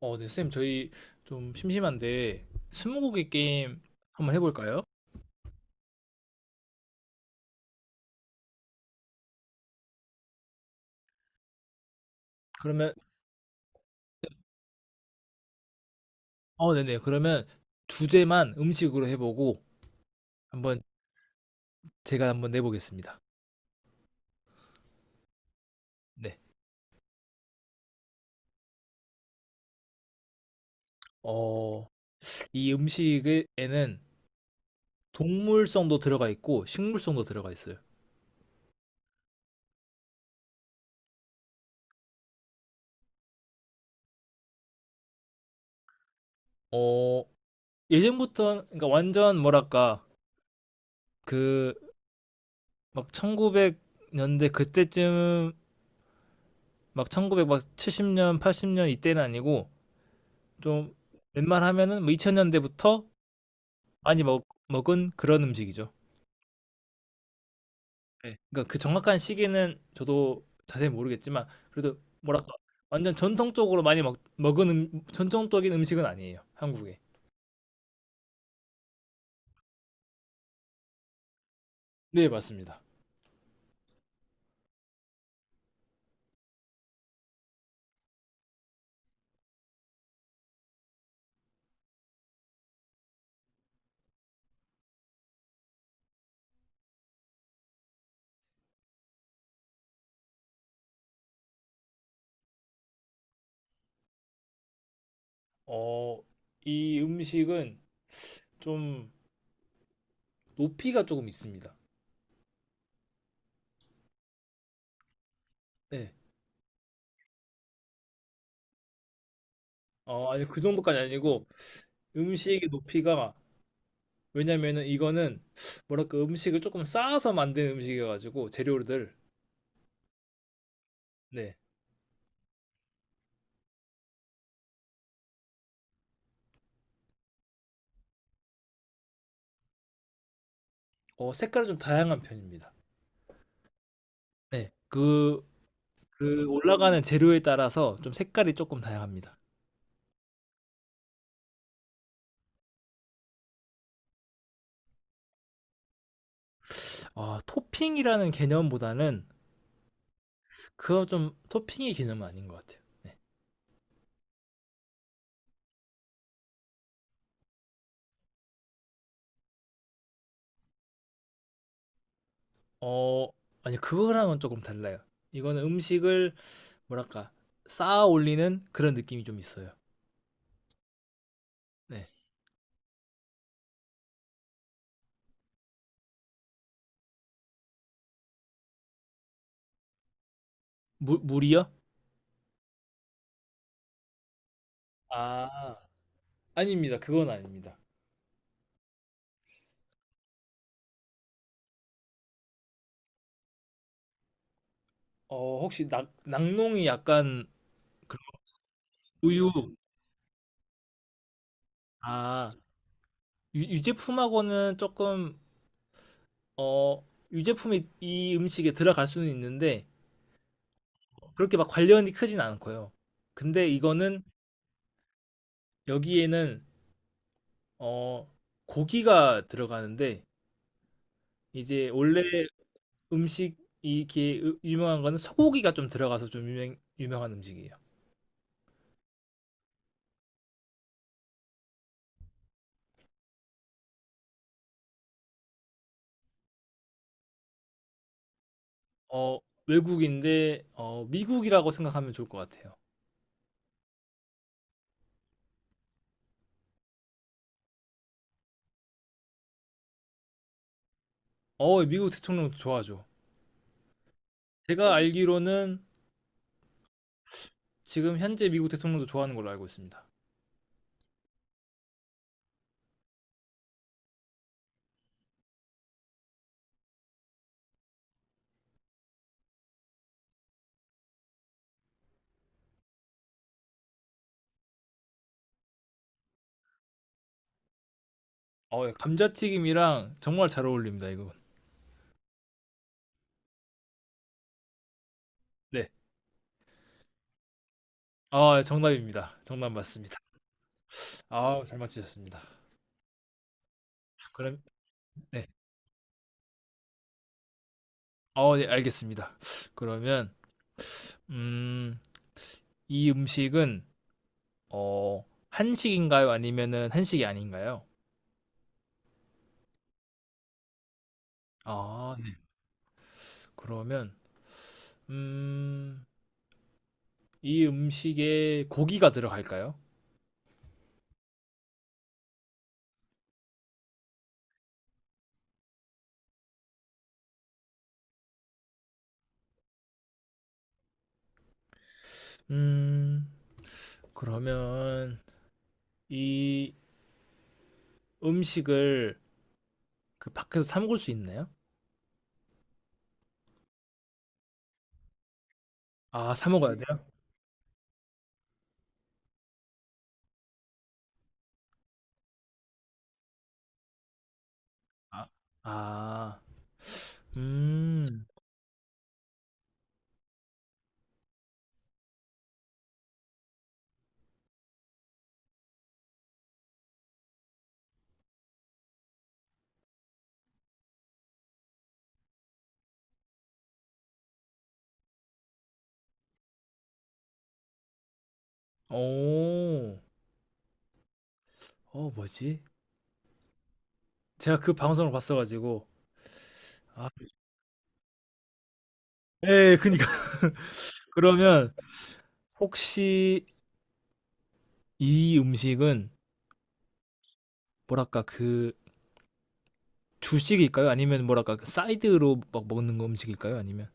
어, 네, 쌤, 저희 좀 심심한데 스무고개 게임 한번 해볼까요? 그러면, 네네. 그러면 주제만 음식으로 해보고 한번 제가 한번 내보겠습니다. 네. 어, 이 음식에는 동물성도 들어가 있고 식물성도 들어가 있어요. 어, 예전부터, 그러니까 완전 뭐랄까, 그, 막 1900년대 그때쯤, 막 1970년, 80년 이때는 아니고, 좀 웬만하면은 뭐 2000년대부터 많이 먹 먹은 그런 음식이죠. 네. 그러니까 그 정확한 시기는 저도 자세히 모르겠지만, 그래도 뭐랄까 완전 전통적으로 많이 먹 먹은 전통적인 음식은 아니에요, 한국에. 네, 맞습니다. 어 이 음식은 좀 높이가 조금 있습니다. 네. 아니, 그 정도까지 아니고, 음식의 높이가, 왜냐면은 이거는 뭐랄까 음식을 조금 쌓아서 만든 음식이어 가지고 재료들. 네. 색깔이 좀 다양한 편입니다. 네. 그 올라가는 재료에 따라서 좀 색깔이 조금 다양합니다. 아, 토핑이라는 개념보다는, 그거 좀 토핑의 개념은 아닌 것 같아요. 네. 어 아니, 그거랑은 조금 달라요. 이거는 음식을 뭐랄까 쌓아 올리는 그런 느낌이 좀 있어요. 네. 물 물이요? 아, 아닙니다. 그건 아닙니다. 혹시 낙 낙농이 약간, 우유. 아, 유 유제품하고는 조금, 어 유제품이 이 음식에 들어갈 수는 있는데, 그렇게 막 관련이 크진 않고요. 근데 이거는, 여기에는 어 고기가 들어가는데, 이제 원래 음식 이게, 유명한 거는 소고기가 좀 들어가서 좀 유명한 음식이에요. 어 외국인데, 미국이라고 생각하면 좋을 것 같아요. 미국 대통령도 좋아하죠. 제가 알기로는 지금 현재 미국 대통령도 좋아하는 걸로 알고 있습니다. 예, 감자튀김이랑 정말 잘 어울립니다 이건. 네. 아, 정답입니다. 정답 맞습니다. 아, 잘 맞히셨습니다. 그럼. 네. 네, 알겠습니다. 그러면, 음 이 음식은 어 한식인가요? 아니면은 한식이 아닌가요? 아, 네. 그러면, 음 이 음식에 고기가 들어갈까요? 음 그러면 이 음식을 밖에서 사 먹을 수 있나요? 아, 사 먹어야 돼요? 아. 아. 음. 오, 뭐지? 제가 그 방송을 봤어 가지고. 아, 예. 그니까요. 그러면, 혹시 이 음식은 뭐랄까 그 주식일까요? 아니면 뭐랄까 그 사이드로 막 먹는 거 음식일까요? 아니면.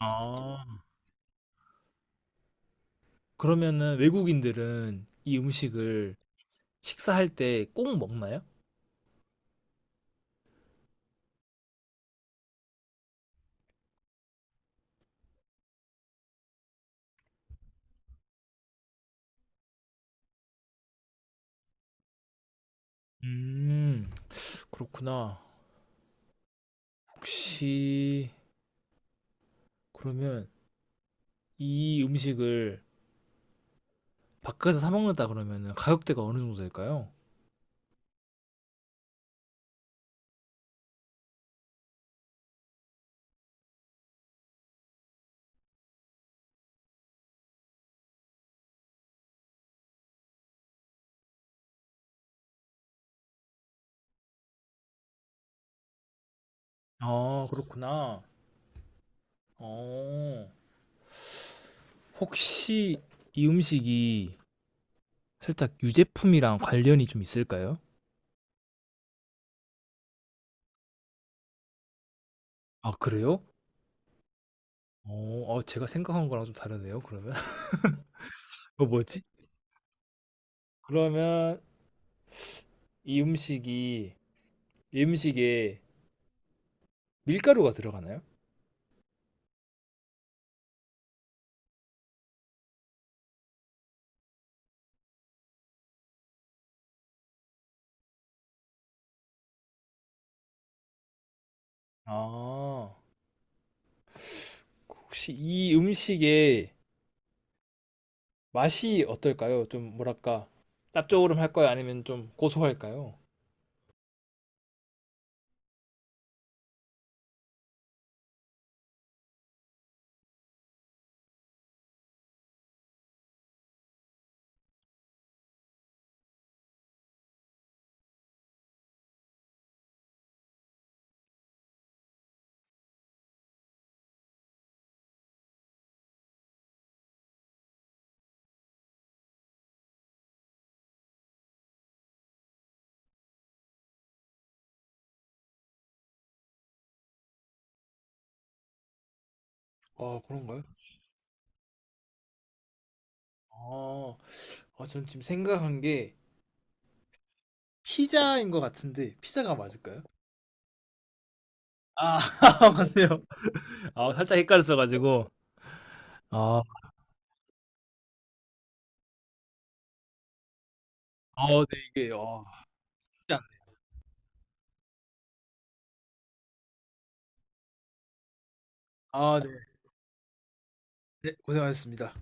아, 그러면은 외국인들은 이 음식을 식사할 때 꼭 먹나요? 음, 그렇구나. 혹시 그러면 이 음식을 밖에서 사 먹는다 그러면은 가격대가 어느 정도 될까요? 아, 그렇구나. 어, 혹시 이 음식이 살짝 유제품이랑 관련이 좀 있을까요? 아, 그래요? 제가 생각한 거랑 좀 다르네요, 그러면. 뭐지? 그러면 이 음식이 이 음식에 밀가루가 들어가나요? 아, 혹시 이 음식의 맛이 어떨까요? 좀 뭐랄까, 짭조름할까요? 아니면 좀 고소할까요? 아, 그런가요? 아. 아, 저는 지금 생각한 게 피자인 것 같은데, 피자가 맞을까요? 아, 맞네요. 아, 살짝 헷갈렸어 가지고. 아. 아, 네. 이게, 아, 쉽지 않. 아, 네. 네, 고생하셨습니다.